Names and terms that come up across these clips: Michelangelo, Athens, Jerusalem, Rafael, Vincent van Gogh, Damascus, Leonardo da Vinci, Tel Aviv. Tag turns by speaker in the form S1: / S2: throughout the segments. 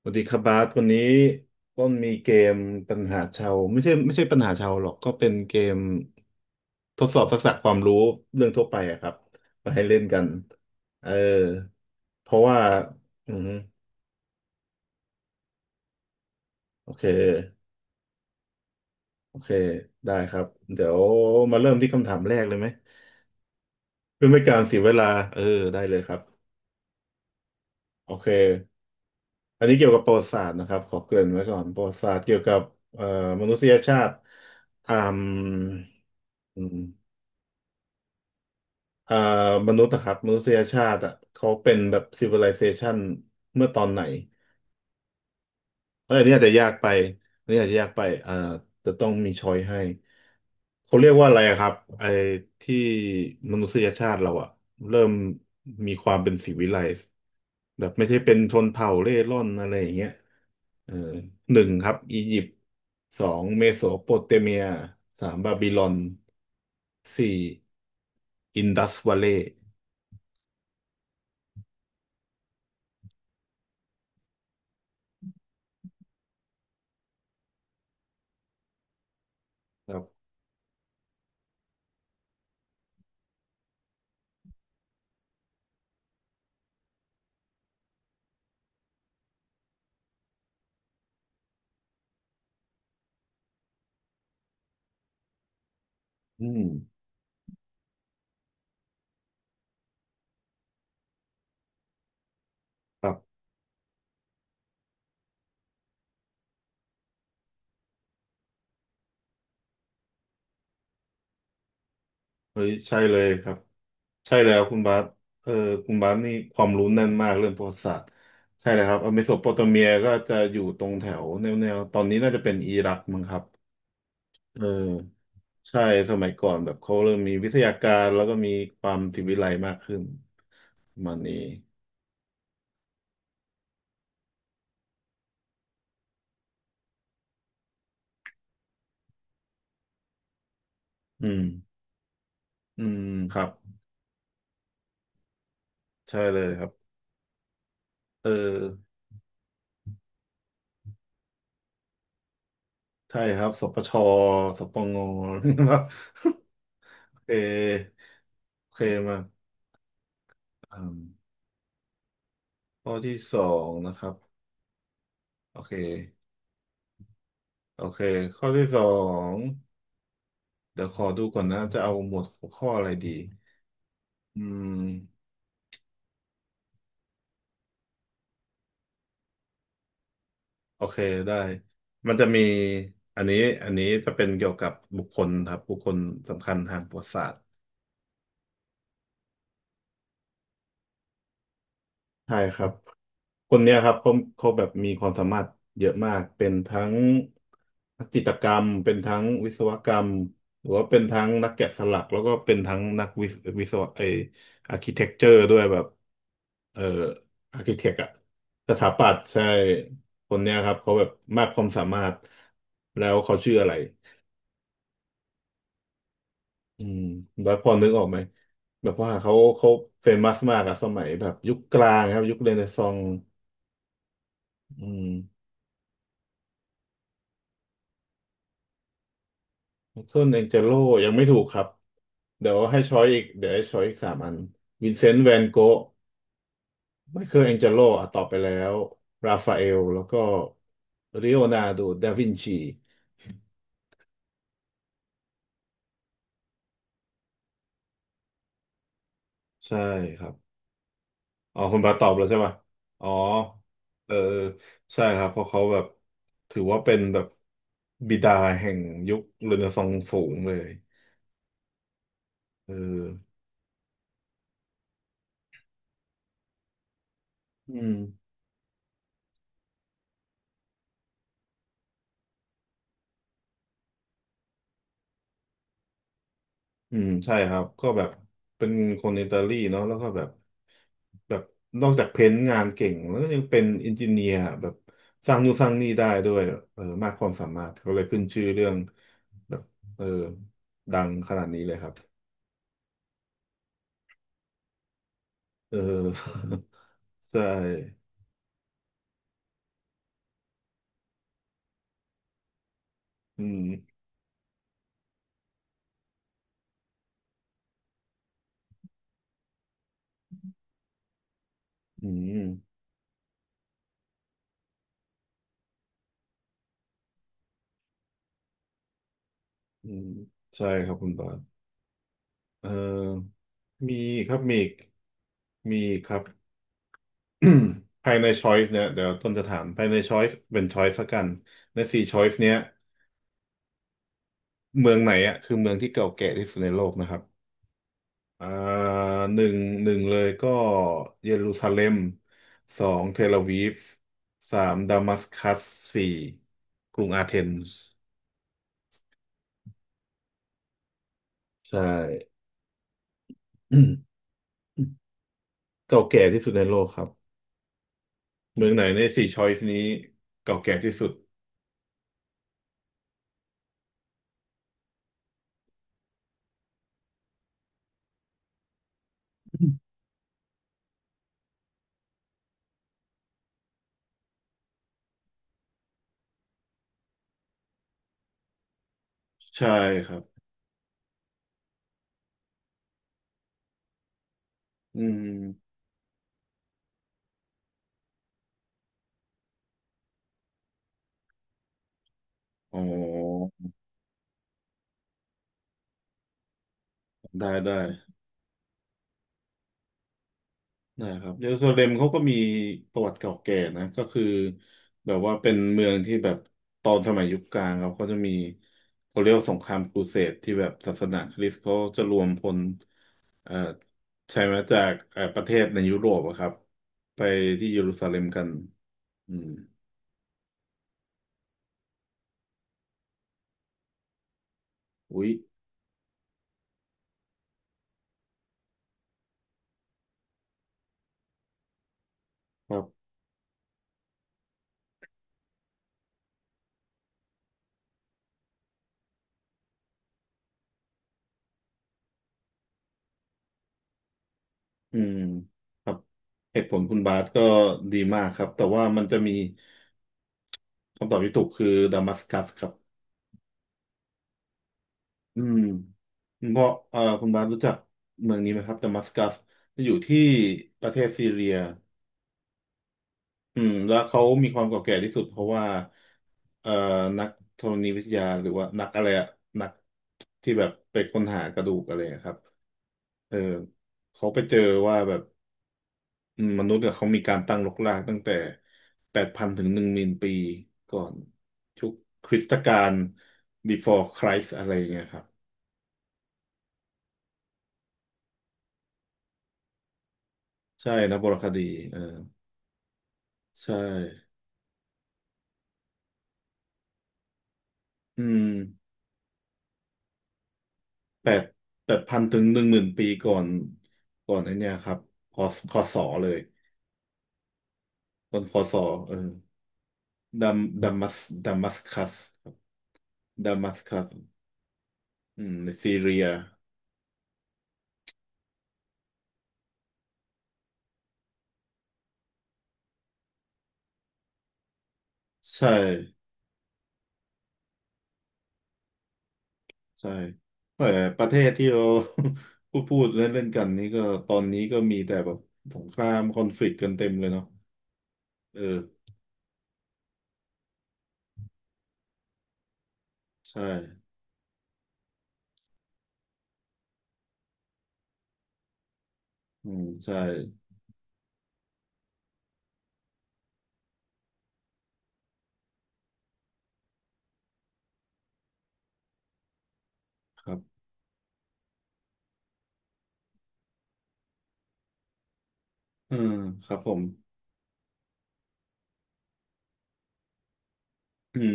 S1: สวัสดีครับบาสวันนี้ต้นมีเกมปัญหาชาวไม่ใช่ปัญหาชาวหรอกก็เป็นเกมทดสอบทักษะความรู้เรื่องทั่วไปอะครับมาให้เล่นกันเออเพราะว่าอืมโอเคโอเคได้ครับเดี๋ยวมาเริ่มที่คำถามแรกเลยไหมเพื่อไม่ให้การเสียเวลาเออได้เลยครับโอเคอันนี้เกี่ยวกับประวัติศาสตร์นะครับขอเกริ่นไว้ก่อนประวัติศาสตร์เกี่ยวกับเอ่อมนุษยชาติอ่ามอืม อ่ามนุษย์นะครับมนุษยชาติอ่ะเขาเป็นแบบ civilization เมื่อตอนไหนอะไรนี่อาจจะยากไปอันนี่อาจจะยากไปอ่าจะต้องมีช้อยให้เขาเรียกว่าอะไรอะครับไอ้ที่มนุษยชาติเราอ่ะเริ่มมีความเป็นสิวิไลซ์แบบไม่ใช่เป็นชนเผ่าเร่ร่อนอะไรอย่างเงี้ยเออหนึ่งครับอียิปต์สองเมโสโปเตเมียสามบาบิลอนสี่อินดัสวัลเลย์ครับ อืมครับเฮ้ยใช่เลยครับใช่แล้วคุณบาสเออคุณบาสนี่ความรู้แน่นมากเรื่องประวัติศาสตร์ใช่เลยครับเมโสโปเตเมียก็จะอยู่ตรงแถวแนวๆตอนนี้น่าจะเป็นอิรักมั้งครับเออใช่สมัยก่อนแบบเขาเริ่มมีวิทยาการแล้วก็มีความศิวิไลซ์มากขึ้นประมันนี้อืมอืมครับใช่เลยครับเออใช่ครับสปชสปง ครับโอเคโอเคมา อืมข้อที่สองนะครับโอเคโอเคข้อที่สองเดี๋ยวขอดูก่อนนะจะเอาหมวดหัวข้ออะไรดีอืมโอเคได้มันจะมีอันนี้อันนี้จะเป็นเกี่ยวกับบุคคลครับบุคคลสำคัญทางประวัติศาสตร์ใช่ครับ คนเนี้ยครับเขาแบบมีความสามารถเยอะมากเป็นทั้งนักจิตรกรรมเป็นทั้งวิศวกรรมหรือว่าเป็นทั้งนักแกะสลักแล้วก็เป็นทั้งนักวิศวิศวะไออาร์คิเทคเจอร์ด้วยแบบเอ่ออาร์คิเทคอะสถาปัตย์ใช่คนเนี้ยครับเขาแบบมากความสามารถแล้วเขาชื่ออะไรอืมแล้วพอนึกออกไหมแบบว่าเขาเฟมัสมากอะสมัยแบบยุคกลางครับยุคเรเนซองส์อืม ไมเคิลแองเจโลยังไม่ถูกครับเดี๋ยวให้ช้อยอีกเดี๋ยวให้ช้อยอีกสามอันวินเซนต์แวนโกะไมเคิลแองเจโลอ่ะตอบไปแล้วราฟาเอลแล้วก็ลีโอนาร์โดดาวินชีใช่ครับอ๋อคุณบาตอบแล้วใช่ป่ะอ๋อเออใช่ครับเพราะเขาแบบถือว่าเป็นแบบบิดาแห่งยุคเรเนซองส์สูงเลยเอออืม อืมใช่ครับก็แบบเป็นคนอิตาลีเนาะแล้วก็แบบแบบนอกจากเพ้นท์งานเก่งแล้วก็ยังเป็นอินจิเนียร์แบบสร้างนู่นสร้างนี่ได้ด้วยเออมากความสามารถเขาเลยขึ้นชื่อเรื่องแบบเออดังขนาดนี้เลยครับเออ ใช่อืมอืมอืมใช่ครับคุณบาสเออมีครับมีอีกมีอีกครับ ภายในช้อยส์เนี่ยเดี๋ยวต้นจะถามภายในช้อยส์เป็นช้อยส์ละกันในสี่ช้อยส์เนี้ยเมืองไหนอ่ะคือเมืองที่เก่าแก่ที่สุดในโลกนะครับอ่าหนึ่งหนึ่งเลยก็เยรูซาเล็มสองเทลอาวีฟสามดามัสกัสสี่กรุงอาเทนส์ใช่ เก่าแก่ที่สุดในโลกครับเมืองไหนในสี่ช้อยส์นี้เก่าแก่ที่สุดใช่ครับอืมอ๋อได้ได้ นะครับเยรูซาเล็มเขาก็มีประวัติเก่าแก่นะก็คือแบบว่าเป็นเมืองที่แบบตอนสมัยยุคกลางเขาก็จะมีเขาเรียกว่าสงครามครูเสดที่แบบศาสนาคริสต์เขาจะรวมพลเอ่อใช่ไหมจากประเทศในยุโรปอะครับไปที่เยรูซาเล็มกันอืมอุ๊ยครับอืมครับเหตุผลคุณบาสก็ดีมากครับแต่ว่ามันจะมีคำตอบที่ถูกคือดามัสกัสครับ อืมเพราะคุณบาสรู้จักเมืองนี้ไหมครับดามัสกัสอยู่ที่ประเทศซีเรียอืมแล้วเขามีความเก่าแก่ที่สุดเพราะว่าเอ่อนักธรณีวิทยาหรือว่านักอะไรอะนักที่แบบไปค้นหากระดูกอะไรอะครับเออเขาไปเจอว่าแบบอืมมนุษย์เนี่ยเขามีการตั้งรกรากตั้งแต่แปดพันถึงหนึ่งหมื่นปีก่อนยุคคริสตกาล before Christ อะไรอย่างเงี้ยครับใช่นะโบราณคดีเออใช่ อืมแปดแปดพันถึงหนึ่งหมื่นปีก่อนก่อนไอ้เนี่ยครับคอคอสอเลยต้นคอสอเออดัมดัมัสดัมัสคัสครับดัมัสคัสอืมในซีเรียใช่ใช่แต่ประเทศที่เรา พูดเล่นเล่นกันนี่ก็ตอนนี้ก็มีแต่แบบสงครามคอนฟ lict กต์กันเต็มเลยเนาะเออใช่อืมใช่ครับอืมครับผม อืม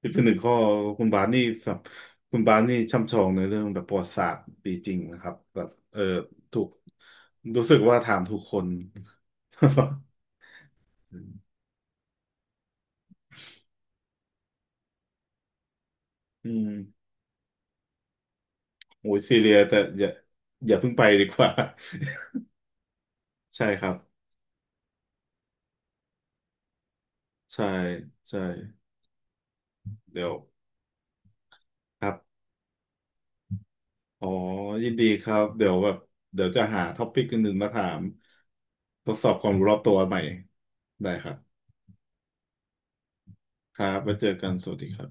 S1: เป็นหนึ่งข้อคุณบาสนี่สับคุณบาสนี่ช่ำชองในเรื่องแบบประวัติศาสตร์ดีจริงนะครับแบบเออถูกรู้สึกว่าถามถูกคน อืมอืมโอ้ยซีเรียแต่อย่าอย่าเพิ่งไปดีกว่า ใช่ครับใช่ใช่เดี๋ยวครับอ๋อยินดีครับเดี๋ยวแบบเดี๋ยวจะหาท็อปิกอื่นๆมาถามทดสอบความรู้รอบตัวใหม่ได้ครับครับไว้เจอกันสวัสดีครับ